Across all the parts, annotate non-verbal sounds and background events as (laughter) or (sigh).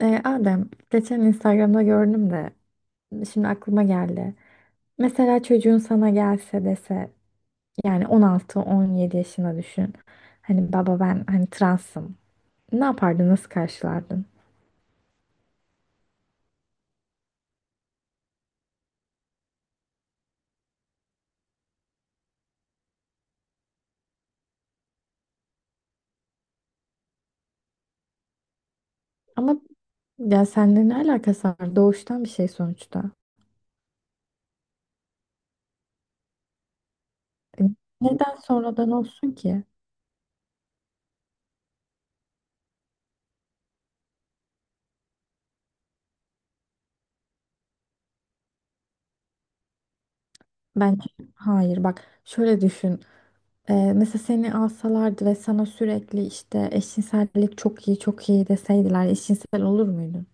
Adem, geçen Instagram'da gördüm de şimdi aklıma geldi. Mesela çocuğun sana gelse dese yani 16-17 yaşına düşün. Hani baba ben hani transım. Ne yapardın? Nasıl karşılardın? Ama ya sende ne alakası var? Doğuştan bir şey sonuçta. E, Neden sonradan olsun ki? Bence hayır bak şöyle düşün. Mesela seni alsalardı ve sana sürekli işte eşcinsellik çok iyi çok iyi deseydiler eşcinsel olur muydun?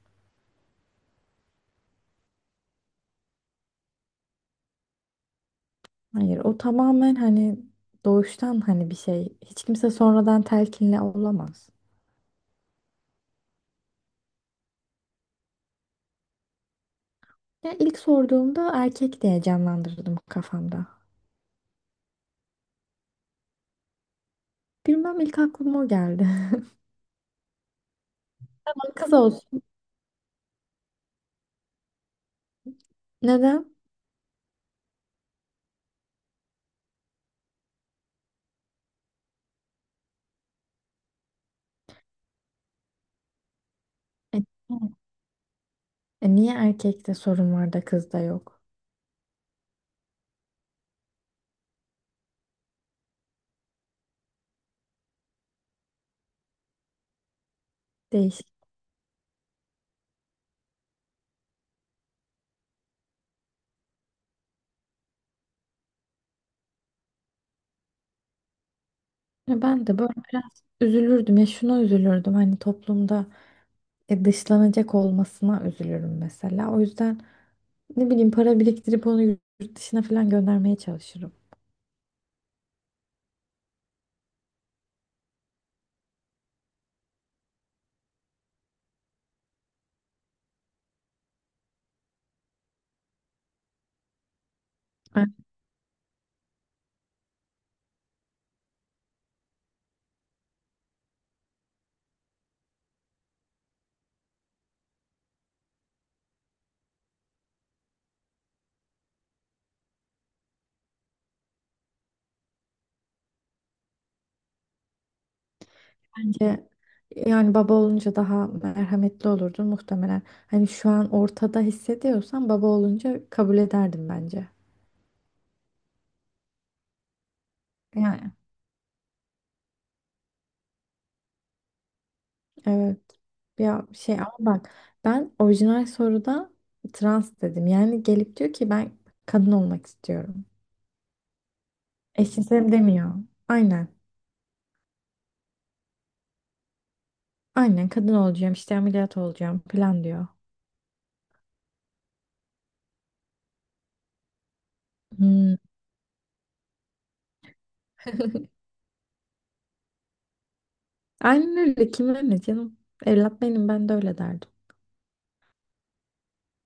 Hayır, o tamamen hani doğuştan hani bir şey. Hiç kimse sonradan telkinle olamaz. Ya ilk sorduğumda erkek diye canlandırdım kafamda. Bilmem ilk aklıma o geldi. (laughs) Kız olsun. Neden? E, e niye erkekte sorun var da kızda yok? Değişik. Ya ben de böyle biraz üzülürdüm. Ya şuna üzülürdüm. Hani toplumda dışlanacak olmasına üzülürüm mesela. O yüzden ne bileyim para biriktirip onu yurt dışına falan göndermeye çalışırım. Bence yani baba olunca daha merhametli olurdun muhtemelen. Hani şu an ortada hissediyorsan baba olunca kabul ederdim bence. Yani. Evet. Ya şey ama bak ben orijinal soruda trans dedim. Yani gelip diyor ki ben kadın olmak istiyorum. Eşcinselim demiyor. Aynen. Aynen kadın olacağım işte ameliyat olacağım falan diyor. Hmm. Aynen öyle kime ne canım. Evlat benim ben de öyle derdim.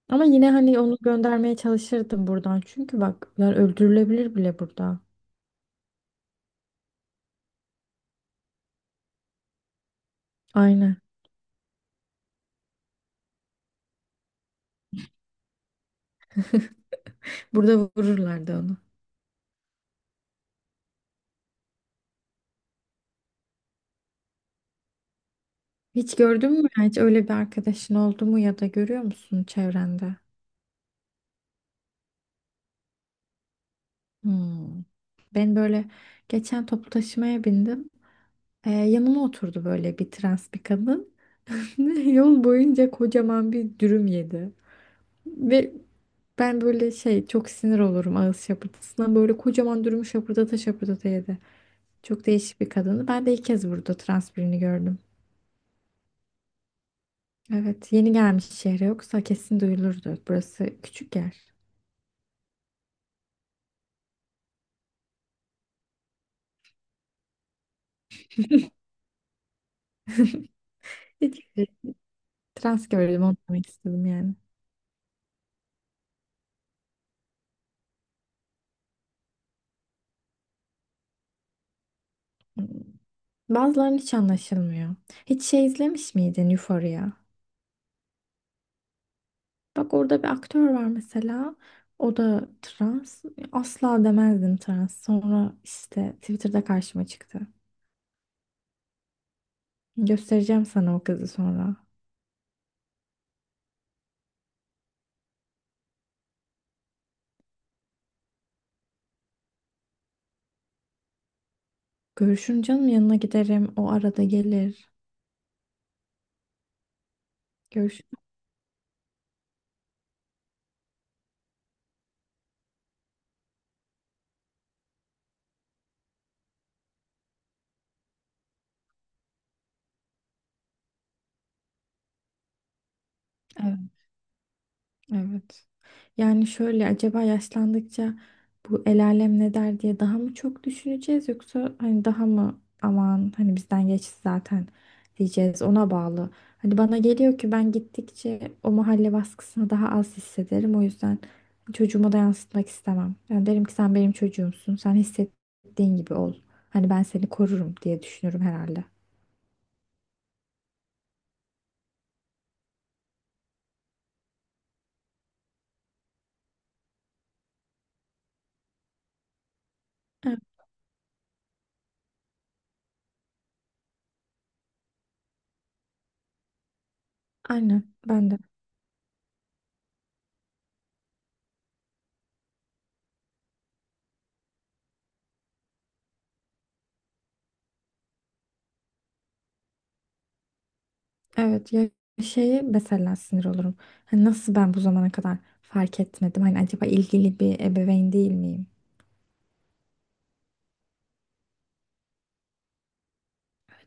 Ama yine hani onu göndermeye çalışırdım buradan. Çünkü bak yani öldürülebilir bile burada. Aynen. Burada vururlardı onu. Hiç gördün mü? Hiç öyle bir arkadaşın oldu mu ya da görüyor musun çevrende? Hmm. Ben böyle geçen toplu taşımaya bindim. Yanıma oturdu böyle bir trans bir kadın. (laughs) Yol boyunca kocaman bir dürüm yedi. Ve ben böyle şey çok sinir olurum ağız şapırtısına. Böyle kocaman dürümü şapırdata şapırdata yedi. Çok değişik bir kadını. Ben de ilk kez burada trans birini gördüm. Evet, yeni gelmiş şehre yoksa kesin duyulurdu. Burası küçük yer. İlk kez trans gördüm onu demek istedim yani. Hmm. Bazılarının hiç anlaşılmıyor. Hiç şey izlemiş miydin Euphoria? Bak orada bir aktör var mesela. O da trans. Asla demezdim trans. Sonra işte Twitter'da karşıma çıktı. Göstereceğim sana o kızı sonra. Görüşün canım yanına giderim. O arada gelir. Görüş. Evet. Evet. Yani şöyle acaba yaşlandıkça bu el alem ne der diye daha mı çok düşüneceğiz yoksa hani daha mı aman hani bizden geçti zaten diyeceğiz ona bağlı. Hani bana geliyor ki ben gittikçe o mahalle baskısını daha az hissederim o yüzden çocuğuma da yansıtmak istemem. Yani derim ki sen benim çocuğumsun sen hissettiğin gibi ol. Hani ben seni korurum diye düşünürüm herhalde. Evet, aynen ben de. Evet ya şeyi mesela sinir olurum. Hani nasıl ben bu zamana kadar fark etmedim? Hani acaba ilgili bir ebeveyn değil miyim?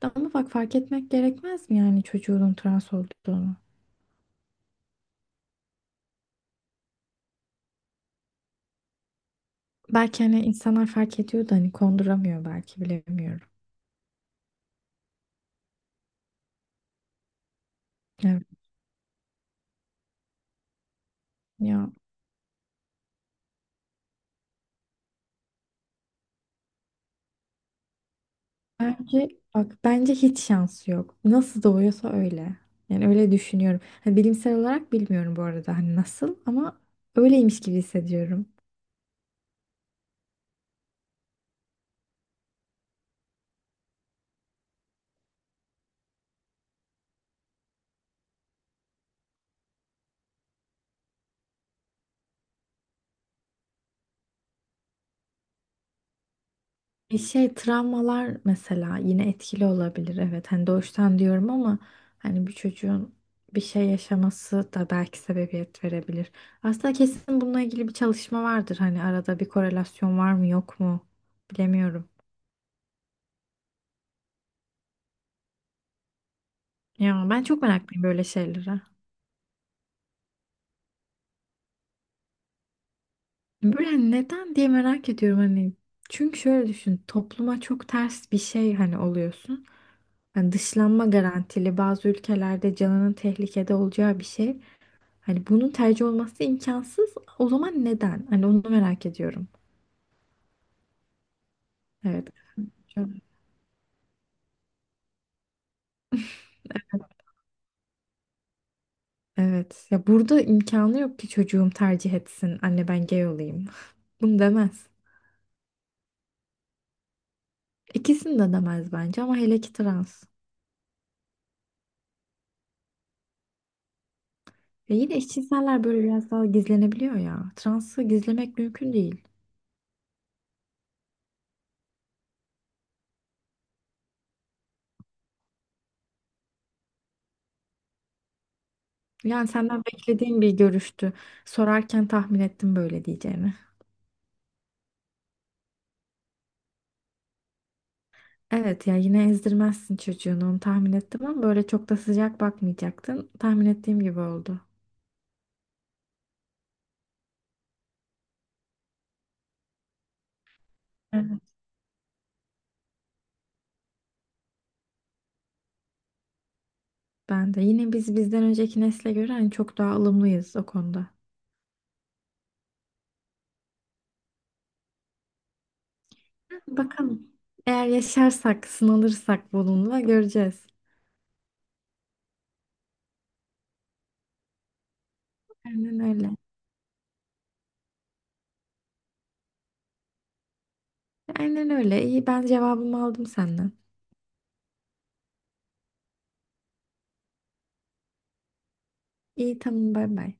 Evet, ama bak fark etmek gerekmez mi yani çocuğunun trans olduğunu? Belki hani insanlar fark ediyor da hani konduramıyor belki bilemiyorum. Evet ya bence bak bence hiç şansı yok. Nasıl doğuyorsa öyle. Yani öyle düşünüyorum. Hani bilimsel olarak bilmiyorum bu arada hani nasıl ama öyleymiş gibi hissediyorum. E şey travmalar mesela yine etkili olabilir. Evet hani doğuştan diyorum ama hani bir çocuğun bir şey yaşaması da belki sebebiyet verebilir. Aslında kesin bununla ilgili bir çalışma vardır. Hani arada bir korelasyon var mı yok mu bilemiyorum. Ya ben çok meraklıyım böyle şeylere. Böyle hani neden diye merak ediyorum hani. Çünkü şöyle düşün topluma çok ters bir şey hani oluyorsun. Hani dışlanma garantili bazı ülkelerde canının tehlikede olacağı bir şey. Hani bunun tercih olması imkansız. O zaman neden? Hani onu merak ediyorum. Evet. Evet. Ya burada imkanı yok ki çocuğum tercih etsin. Anne ben gay olayım. (laughs) Bunu demez. İkisini de demez bence ama hele ki trans. Ve yine eşcinseller böyle biraz daha gizlenebiliyor ya. Transı gizlemek mümkün değil. Yani senden beklediğim bir görüştü. Sorarken tahmin ettim böyle diyeceğini. Evet ya yine ezdirmezsin çocuğunu onu tahmin ettim ama böyle çok da sıcak bakmayacaktın. Tahmin ettiğim gibi oldu. Ben de. Yine biz bizden önceki nesle göre hani çok daha ılımlıyız o konuda. Bakalım. Eğer yaşarsak, sınanırsak bununla göreceğiz. Aynen öyle. Aynen öyle. İyi ben cevabımı aldım senden. İyi tamam bay bay.